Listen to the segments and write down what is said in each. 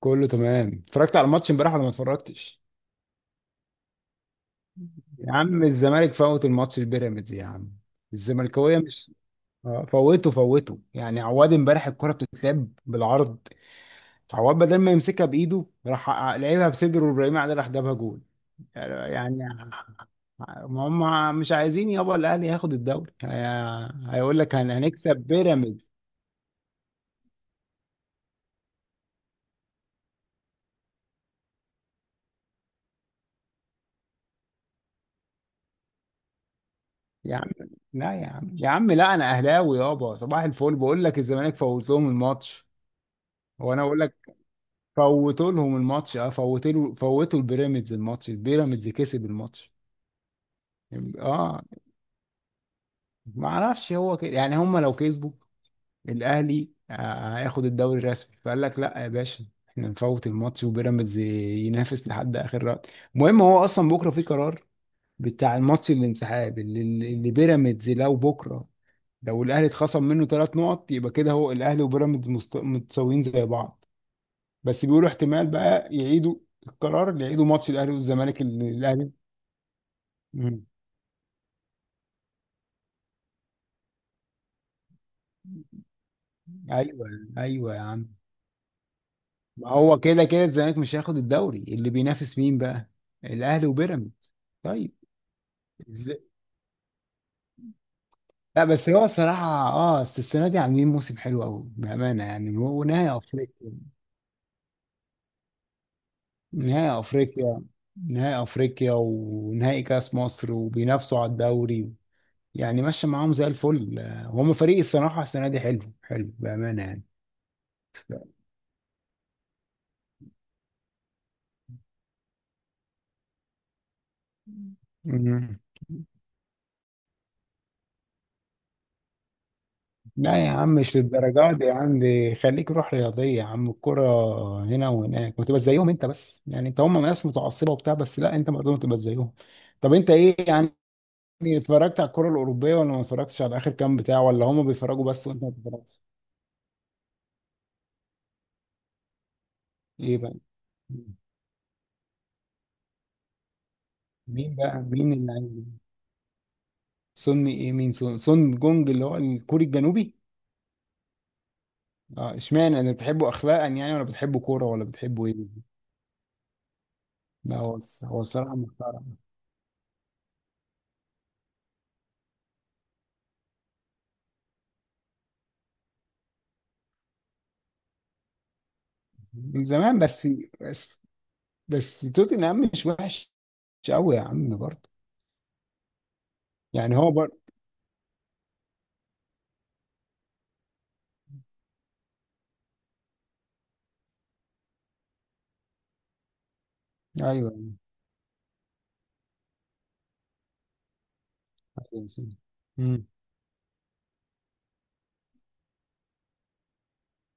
كله تمام، اتفرجت على الماتش امبارح ولا ما اتفرجتش؟ يا عم الزمالك فوت الماتش البيراميدز يا عم. الزملكاويه مش آه، فوته فوته. يعني عواد امبارح الكره بتتلعب بالعرض، عواد بدل ما يمسكها بايده راح لعبها بصدره وابراهيم عادل راح جابها جول. يعني ما هم مش عايزين يابا الاهلي ياخد الدوري، هيقول لك هنكسب بيراميدز يا عم. لا يا عم يا عم، لا انا اهلاوي يابا، صباح الفل، بقول لك الزمالك فوت لهم الماتش. وانا اقول لك فوتوا لهم الماتش، اه، فوتوا البيراميدز الماتش، البيراميدز كسب الماتش. اه، ما اعرفش هو كده. يعني هم لو كسبوا الاهلي آه، هياخد الدوري الرسمي، فقال لك لا يا باشا احنا نفوت الماتش وبيراميدز ينافس لحد اخر رات. المهم هو اصلا بكره في قرار بتاع الماتش، الانسحاب اللي بيراميدز، لو بكره لو الاهلي اتخصم منه ثلاث نقط، يبقى كده هو الاهلي وبيراميدز متساويين زي بعض. بس بيقولوا احتمال بقى يعيدوا القرار، يعيدوا ماتش الاهلي والزمالك اللي الاهلي. مم. ايوه، ايوه يا عم. ما هو كده كده الزمالك مش هياخد الدوري، اللي بينافس مين بقى؟ الاهلي وبيراميدز. طيب. إز- لا بس هو صراحة اه، بس السنة دي عاملين موسم حلو قوي بأمانة، يعني ونهائي افريقيا. نهائي افريقيا، نهائي افريقيا ونهائي كاس مصر وبينافسوا على الدوري، يعني ماشي معاهم زي الفل. آه، هم فريق الصراحة السنة دي حلو حلو بأمانة يعني. مم. لا يا عم، مش للدرجات دي عندي، خليك روح رياضية يا عم، الكرة هنا وهناك، وتبقى زيهم انت بس. يعني انت هم ناس متعصبة وبتاع بس، لا انت برضه تبقى زيهم. طب انت ايه يعني، اتفرجت على الكرة الأوروبية ولا ما اتفرجتش، على آخر كام بتاع، ولا هم بيتفرجوا بس وانت ما بتتفرجش؟ ايه بقى؟ مين بقى، مين اللي عايز؟ سون ايه، مين سون؟ سون جونج اللي هو الكوري الجنوبي؟ اه اشمعنى، انا بتحبه اخلاقا يعني، ولا بتحبه كورة، ولا بتحبه ايه؟ لا هو هو الصراحة محترم. من زمان بس. بس بس توتنهام مش وحش قوي يا عم برضه، يعني هو برضه. ايوه. أيوة. امم.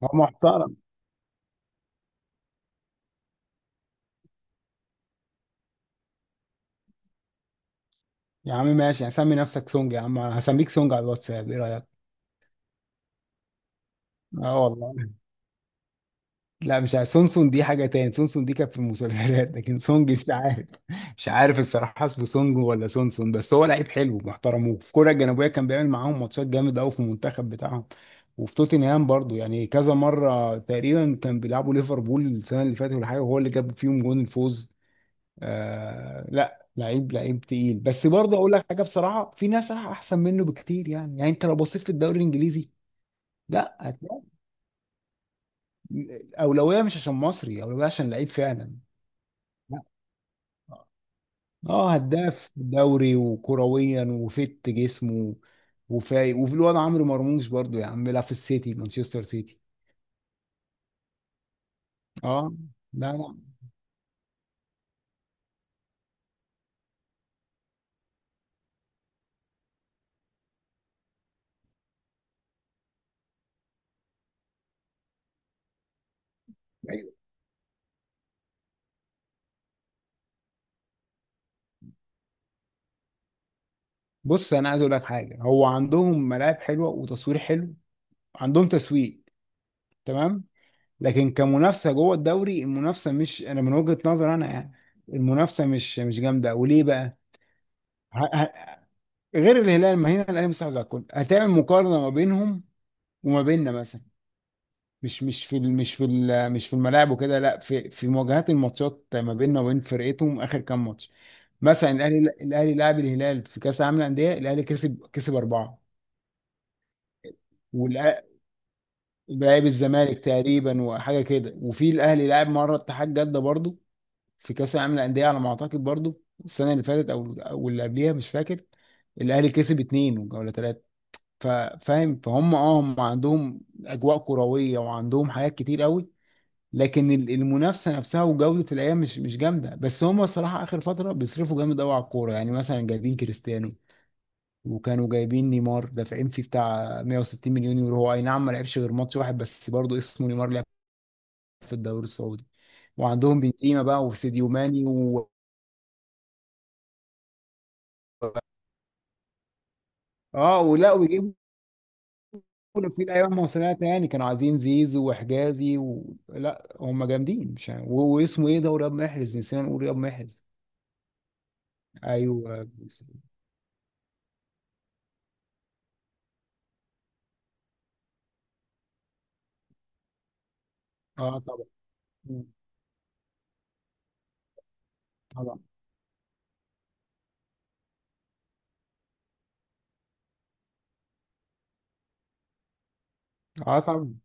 هو محترم. يا عم ماشي، هسمي نفسك سونج يا عم، هسميك سونج على الواتساب، ايه رايك؟ اه والله. لا مش عارف، سونسون دي حاجة تاني، سونسون دي كانت في المسلسلات، لكن سونج مش عارف. مش عارف الصراحة، اسمه سونج ولا سونسون، بس هو لعيب حلو، محترموه في كوريا الجنوبية، كان بيعمل معاهم ماتشات جامد قوي في المنتخب بتاعهم، وفي توتنهام برضو. يعني كذا مرة تقريبا كان بيلعبوا ليفربول السنة اللي فاتت ولا حاجة، وهو اللي جاب فيهم جون الفوز. آه لا، لعيب لعيب تقيل، بس برضه اقول لك حاجة بصراحة، في ناس احسن منه بكتير يعني. يعني انت لو بصيت في الدوري الانجليزي، لا هتلاقي اولويه، مش عشان مصري، اولويه عشان لعيب فعلا. لا، اه، هداف دوري وكرويا وفت جسمه وفايق. وفي الواد عمرو مرموش برضو يا عم، بيلعب في السيتي، مانشستر سيتي. اه. لا لا. أيوة. بص انا عايز اقول لك حاجه، هو عندهم ملاعب حلوه وتصوير حلو، عندهم تسويق، تمام. لكن كمنافسه جوه الدوري، المنافسه مش، انا من وجهه نظر انا يعني، المنافسه مش جامده. وليه بقى؟ ه... ه... غير الهلال، ما هنا الاهلي مستحوذ على الكل، هتعمل مقارنه ما بينهم وما بيننا مثلا. مش في الملاعب وكده، لا، في في مواجهات الماتشات ما بيننا وبين فرقتهم اخر كام ماتش. مثلا الاهلي، الاهلي لعب الهلال في كاس العالم للانديه، الاهلي كسب اربعه. ولعب الزمالك تقريبا وحاجه كده. وفي الاهلي لعب مره اتحاد جده برضو في كاس العالم للانديه، على ما اعتقد برضو السنه اللي فاتت او اللي قبليها، مش فاكر. الاهلي كسب اتنين ولا ثلاثه. فاهم، فهم، اه، هم عندهم اجواء كرويه وعندهم حاجات كتير قوي، لكن المنافسه نفسها وجوده الايام مش مش جامده. بس هم الصراحه اخر فتره بيصرفوا جامد قوي على الكوره، يعني مثلا جايبين كريستيانو، وكانوا جايبين نيمار دافعين فيه بتاع 160 مليون يورو. هو اي نعم ما لعبش غير ماتش واحد، بس برضه اسمه نيمار، لعب في الدوري السعودي. وعندهم بنزيما بقى وساديو ماني و... اه ولا ويجيبوا في الايام مصريه تاني، كانوا عايزين زيزو وحجازي و... لا هم جامدين مش عارف. و... واسمه ايه ده، ورياض محرز، نسينا نقول رياض محرز. ايوه. اه طبعا. طبعا. اه طبعا.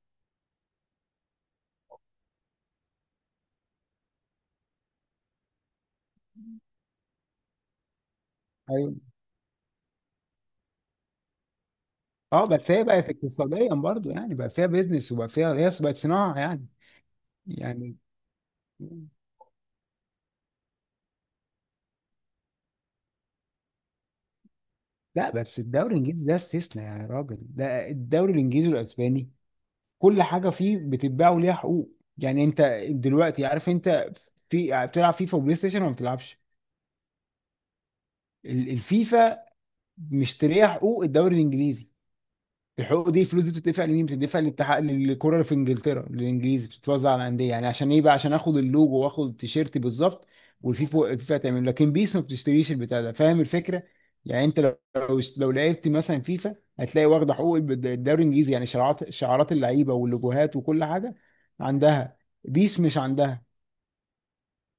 ايوه. اه بس هي بقت اقتصاديا برضو، يعني بقى فيها بيزنس، وبقى فيها، هي بقت صناعه يعني. يعني لا، بس الدوري الانجليزي ده استثناء يا راجل، ده الدوري الانجليزي والاسباني، كل حاجه فيه بتتباع وليها حقوق. يعني انت دلوقتي عارف، انت في بتلعب فيفا وبلاي ستيشن ولا ما بتلعبش؟ الفيفا مشتريه حقوق الدوري الانجليزي. الحقوق دي، الفلوس دي بتدفع لمين؟ بتدفع للاتحاد للكره في انجلترا، للانجليزي، بتتوزع على الانديه، يعني عشان ايه بقى؟ عشان اخد اللوجو واخد التيشيرت بالظبط. والفيفا، الفيفا تعمل، لكن بيس ما بتشتريش البتاع ده، فاهم الفكره؟ يعني انت لو لو لعبت مثلا فيفا هتلاقي واخده حقوق الدوري الانجليزي، يعني شعارات، شعارات اللعيبه واللوجوهات وكل حاجه عندها، بيس مش عندها.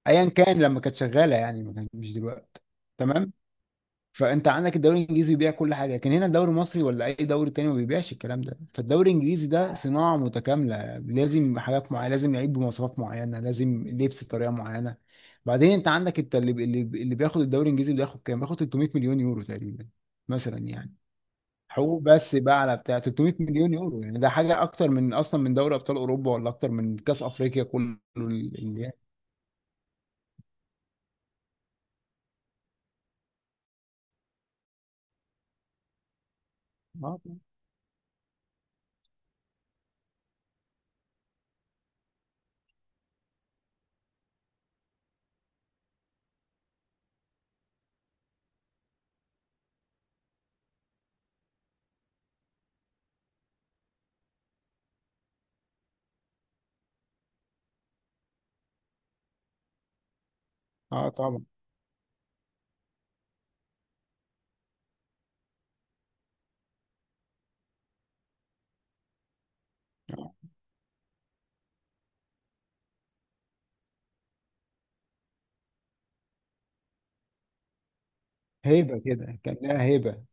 ايا كان، لما كانت شغاله يعني، ما كان، مش دلوقتي. تمام. فانت عندك الدوري الانجليزي بيبيع كل حاجه، لكن هنا الدوري المصري ولا اي دوري تاني ما بيبيعش الكلام ده. فالدوري الانجليزي ده صناعه متكامله، لازم حاجات معينه، لازم لعيب بمواصفات معينه، لازم لبس بطريقه معينه. بعدين انت عندك، انت اللي بياخد الدوري الانجليزي، اللي بياخد كام، بياخد 300 مليون يورو تقريبا مثلا يعني. حقوق بس، بقى على بتاع 300 مليون يورو يعني، ده حاجه اكتر من اصلا من دوري ابطال اوروبا، ولا اكتر من كاس افريقيا كله اللي يعني. اه طبعا. اه طبعا. آه. هيبه كده، كان لها هيبه.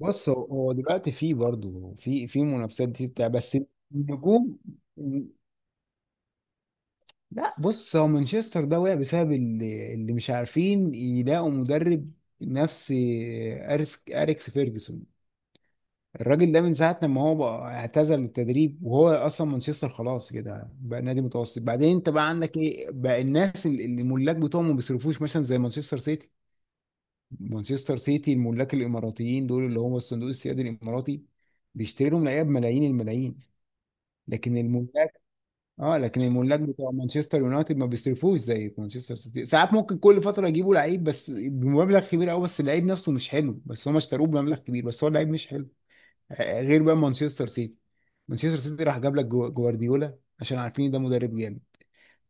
بص هو، هو دلوقتي في برضه، في في منافسات، في بتاع بس. النجوم. لا بص، هو مانشستر ده وقع بسبب اللي مش عارفين يلاقوا مدرب نفس اريكس فيرجسون. الراجل ده من ساعة لما هو بقى اعتزل التدريب، وهو أصلا مانشستر خلاص كده بقى نادي متوسط. بعدين أنت بقى عندك إيه بقى؟ الناس اللي الملاك بتوعهم ما بيصرفوش مثلا زي مانشستر سيتي. مانشستر سيتي الملاك الاماراتيين دول، اللي هم الصندوق السيادي الاماراتي، بيشتري لهم لعيبه بملايين الملايين. لكن الملاك، اه، لكن الملاك بتوع مانشستر يونايتد ما بيصرفوش زي مانشستر سيتي، ساعات ممكن كل فتره يجيبوا لعيب بس بمبلغ كبير قوي، بس اللعيب نفسه مش حلو، بس هم اشتروه بمبلغ كبير بس هو اللعيب مش حلو. غير بقى مانشستر سيتي، مانشستر سيتي راح جاب لك جوارديولا عشان عارفين ده مدرب جامد.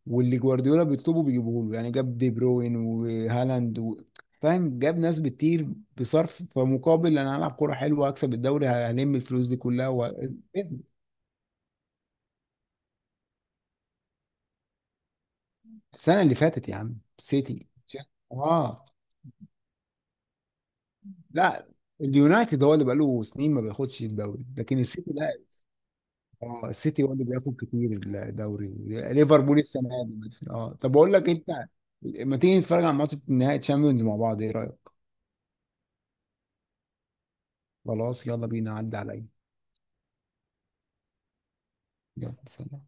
واللي جوارديولا بيطلبه بيجيبوه له، يعني جاب دي بروين وهالاند و... فاهم، جاب ناس بتطير، بصرف، فمقابل انا هلعب كوره حلوه، هكسب الدوري، هلم الفلوس دي كلها و... السنه اللي فاتت يا عم سيتي. اه. لا، اليونايتد هو اللي بقاله سنين ما بياخدش الدوري، لكن السيتي لا. اه السيتي هو اللي بياخد كتير الدوري. ليفربول السنه دي مثلا، اه. طب اقول لك انت، ما تيجي نتفرج على ماتش نهائي تشامبيونز مع بعض، ايه رايك؟ خلاص يلا بينا، عدى عليا. يلا سلام.